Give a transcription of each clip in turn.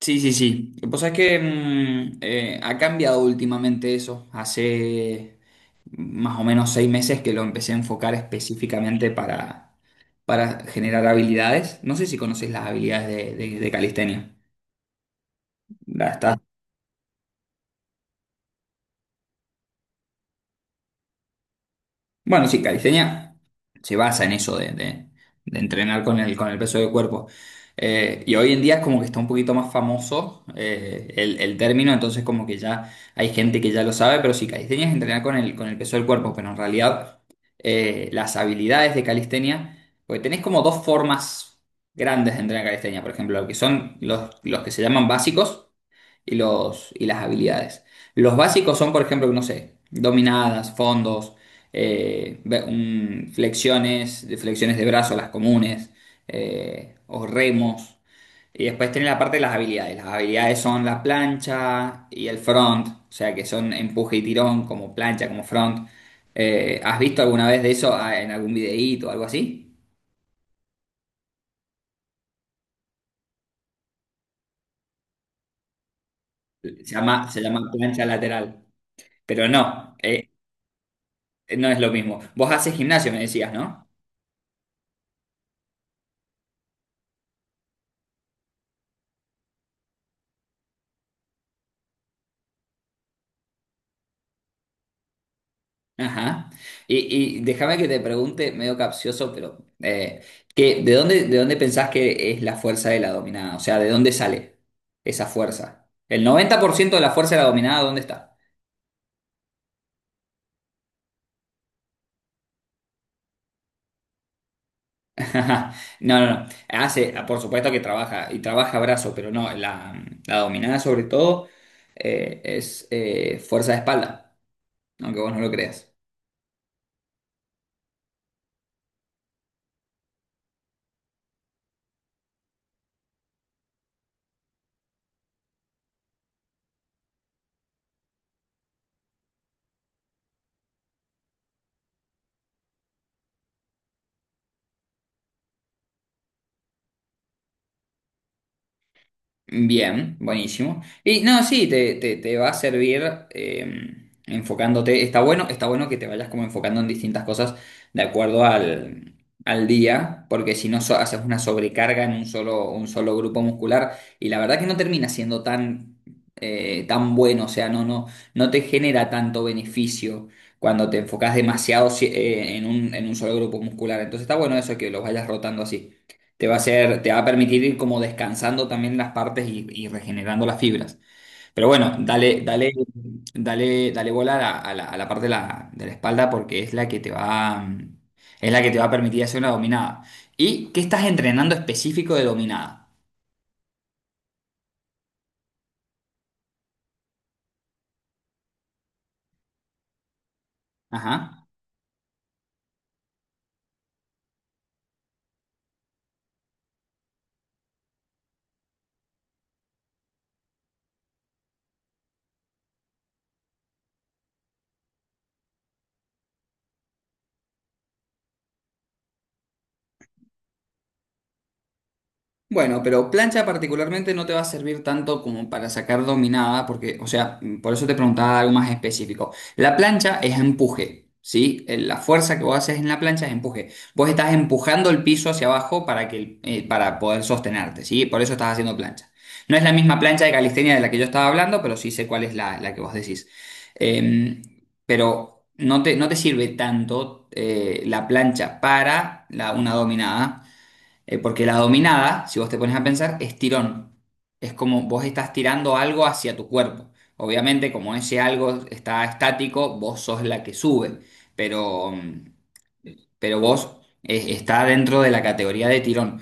Sí, sí, sí. Pues es que ha cambiado últimamente eso. Hace más o menos 6 meses que lo empecé a enfocar específicamente para generar habilidades. No sé si conoces las habilidades de calistenia. Las estás Bueno, sí, calistenia se basa en eso de entrenar con el peso del cuerpo. Y hoy en día es como que está un poquito más famoso, el término, entonces como que ya hay gente que ya lo sabe, pero sí, calistenia es entrenar con el peso del cuerpo, pero en realidad las habilidades de calistenia, porque tenés como dos formas grandes de entrenar calistenia, por ejemplo, lo que son los que se llaman básicos y las habilidades. Los básicos son, por ejemplo, no sé, dominadas, fondos, flexiones de brazo, las comunes, o remos. Y después tiene la parte de las habilidades. Las habilidades son la plancha y el front, o sea que son empuje y tirón, como plancha, como front. ¿Has visto alguna vez de eso en algún videíto o algo así? Se llama plancha lateral. Pero no, no es lo mismo. Vos haces gimnasio, me decías, ¿no? Ajá. Y déjame que te pregunte, medio capcioso, pero ¿de dónde pensás que es la fuerza de la dominada? O sea, ¿de dónde sale esa fuerza? El 90% de la fuerza de la dominada, ¿dónde está? No, no, no. Por supuesto que trabaja, y trabaja brazo, pero no, la dominada sobre todo es fuerza de espalda, aunque vos no lo creas. Bien, buenísimo. Y no, sí, te va a servir eh, enfocándote. Está bueno que te vayas como enfocando en distintas cosas de acuerdo al día, porque si no haces una sobrecarga en un solo grupo muscular y la verdad que no termina siendo tan bueno, o sea, no, no, no te genera tanto beneficio cuando te enfocas demasiado en un solo grupo muscular. Entonces está bueno eso que los vayas rotando así. Te va a permitir ir como descansando también las partes y regenerando las fibras. Pero bueno, dale, dale, dale, dale bola a la parte de la espalda porque es la que es la que te va a permitir hacer una dominada. ¿Y qué estás entrenando específico de dominada? Ajá. Bueno, pero plancha particularmente no te va a servir tanto como para sacar dominada, porque, o sea, por eso te preguntaba algo más específico. La plancha es empuje, ¿sí? La fuerza que vos haces en la plancha es empuje. Vos estás empujando el piso hacia abajo para poder sostenerte, ¿sí? Por eso estás haciendo plancha. No es la misma plancha de calistenia de la que yo estaba hablando, pero sí sé cuál es la que vos decís. Em, pero no te sirve tanto la plancha para una dominada porque la dominada, si vos te pones a pensar, es tirón. Es como vos estás tirando algo hacia tu cuerpo. Obviamente, como ese algo está estático, vos sos la que sube. Pero, mm, pero vos está dentro de la categoría de tirón.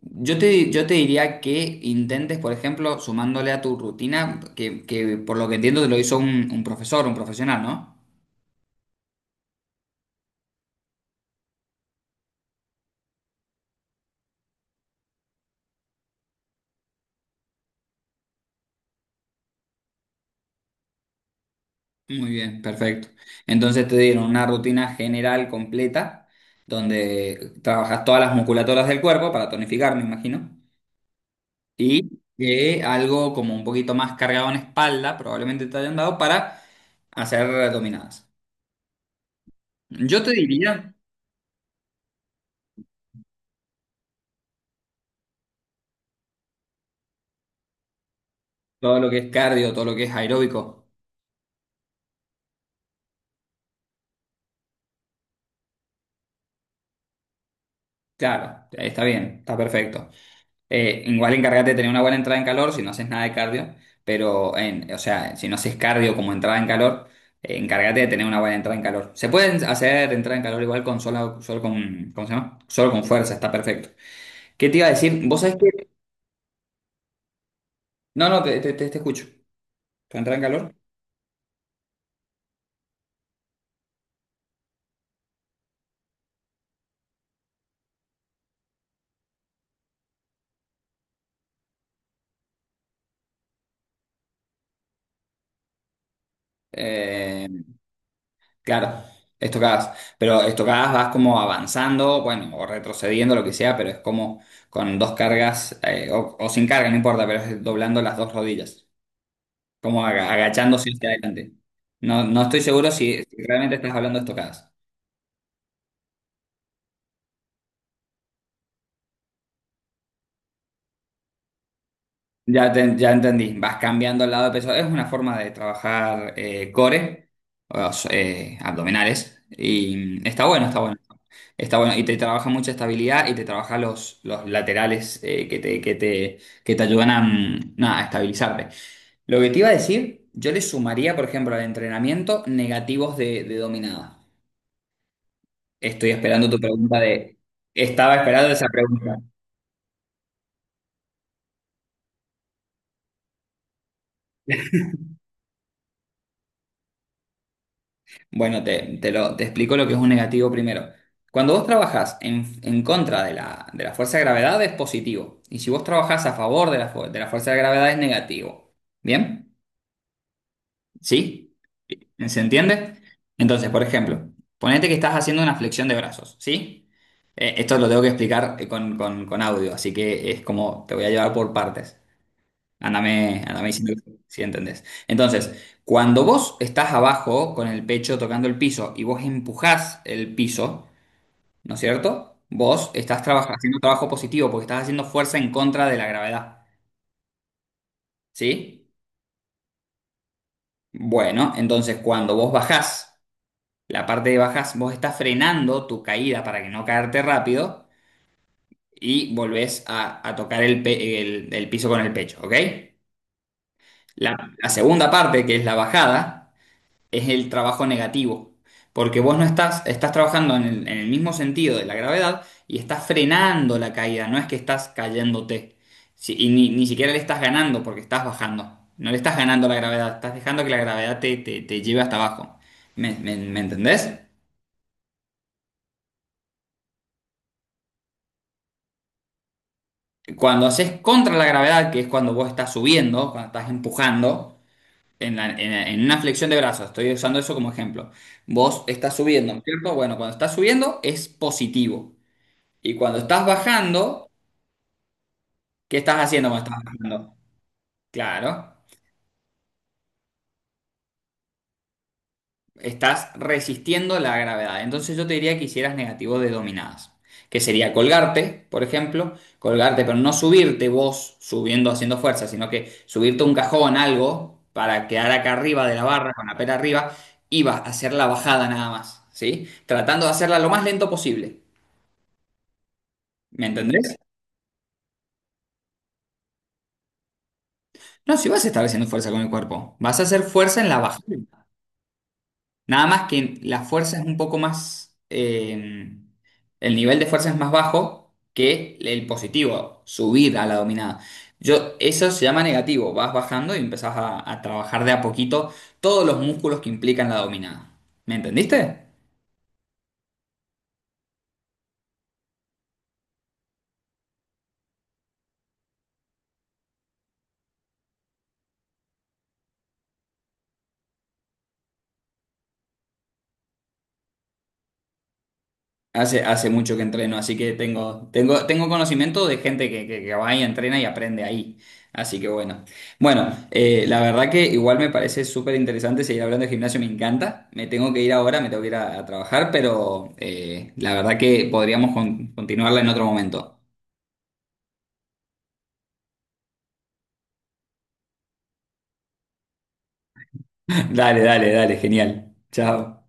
Yo te diría que intentes, por ejemplo, sumándole a tu rutina, que por lo que entiendo te lo hizo un profesor, un profesional, ¿no? Muy bien, perfecto. Entonces te dieron una rutina general completa donde trabajas todas las musculaturas del cuerpo para tonificar, me imagino, y que algo como un poquito más cargado en espalda, probablemente te hayan dado para hacer dominadas. Yo te diría todo lo que es cardio, todo lo que es aeróbico. Claro, está bien, está perfecto. Igual encárgate de tener una buena entrada en calor si no haces nada de cardio, pero, o sea, si no haces cardio como entrada en calor, encárgate de tener una buena entrada en calor. Se pueden hacer entrada en calor igual con solo, solo con, ¿cómo se llama? Solo con fuerza, está perfecto. ¿Qué te iba a decir? ¿Vos sabés que... No, no, te escucho. ¿Tu entrada en calor? Eh, claro, estocadas. Pero estocadas vas como avanzando, bueno, o retrocediendo, lo que sea, pero es como con dos cargas, o sin carga, no importa, pero es doblando las dos rodillas. Como agachándose hacia adelante. No, no estoy seguro si realmente estás hablando de estocadas. Ya, ya entendí, vas cambiando el lado de peso. Es una forma de trabajar core, o abdominales, y está bueno, está bueno. Está bueno, y te trabaja mucha estabilidad y te trabaja los laterales que te ayudan nada, a estabilizarte. Lo que te iba a decir, yo le sumaría, por ejemplo, al entrenamiento negativos de dominada. Estoy esperando tu pregunta de... Estaba esperando esa pregunta. Bueno, te explico lo que es un negativo primero. Cuando vos trabajás en contra de la fuerza de gravedad es positivo. Y si vos trabajás a favor de la fuerza de gravedad es negativo. ¿Bien? ¿Sí? ¿Se entiende? Entonces, por ejemplo, ponete que estás haciendo una flexión de brazos, ¿sí? Esto lo tengo que explicar con audio, así que es como te voy a llevar por partes. Ándame diciendo si entendés. Entonces, cuando vos estás abajo con el pecho tocando el piso y vos empujás el piso, ¿no es cierto? Vos estás haciendo trabajo positivo porque estás haciendo fuerza en contra de la gravedad, ¿sí? Bueno, entonces cuando vos bajás, la parte de bajás, vos estás frenando tu caída para que no caerte rápido y volvés a tocar el piso con el pecho, ¿ok? La, la segunda parte, que es la bajada, es el trabajo negativo. Porque vos no estás, estás trabajando en el mismo sentido de la gravedad y estás frenando la caída, no es que estás cayéndote. Y ni siquiera le estás ganando porque estás bajando. No le estás ganando a la gravedad, estás dejando que la gravedad te lleve hasta abajo. ¿Me entendés? Cuando haces contra la gravedad, que es cuando vos estás subiendo, cuando estás empujando, en una flexión de brazos, estoy usando eso como ejemplo. Vos estás subiendo, ¿no es cierto? Bueno, cuando estás subiendo es positivo. Y cuando estás bajando, ¿qué estás haciendo cuando estás bajando? Claro, estás resistiendo la gravedad. Entonces yo te diría que hicieras negativos de dominadas, que sería colgarte, por ejemplo, colgarte, pero no subirte vos subiendo haciendo fuerza, sino que subirte a un cajón, algo, para quedar acá arriba de la barra, con la pera arriba, y vas a hacer la bajada nada más, ¿sí? Tratando de hacerla lo más lento posible. ¿Me entendés? No, si vas a estar haciendo fuerza con el cuerpo, vas a hacer fuerza en la bajada. Nada más que la fuerza es un poco más, el nivel de fuerza es más bajo que el positivo, subir a la dominada. Eso se llama negativo, vas bajando y empezás a trabajar de a poquito todos los músculos que implican la dominada. ¿Me entendiste? Hace mucho que entreno, así que tengo conocimiento de gente que va y entrena y aprende ahí. Así que bueno. Bueno, la verdad que igual me parece súper interesante seguir hablando de gimnasio, me encanta. Me tengo que ir ahora, me tengo que ir a trabajar, pero la verdad que podríamos continuarla en otro momento. Dale, dale, dale, genial. Chao.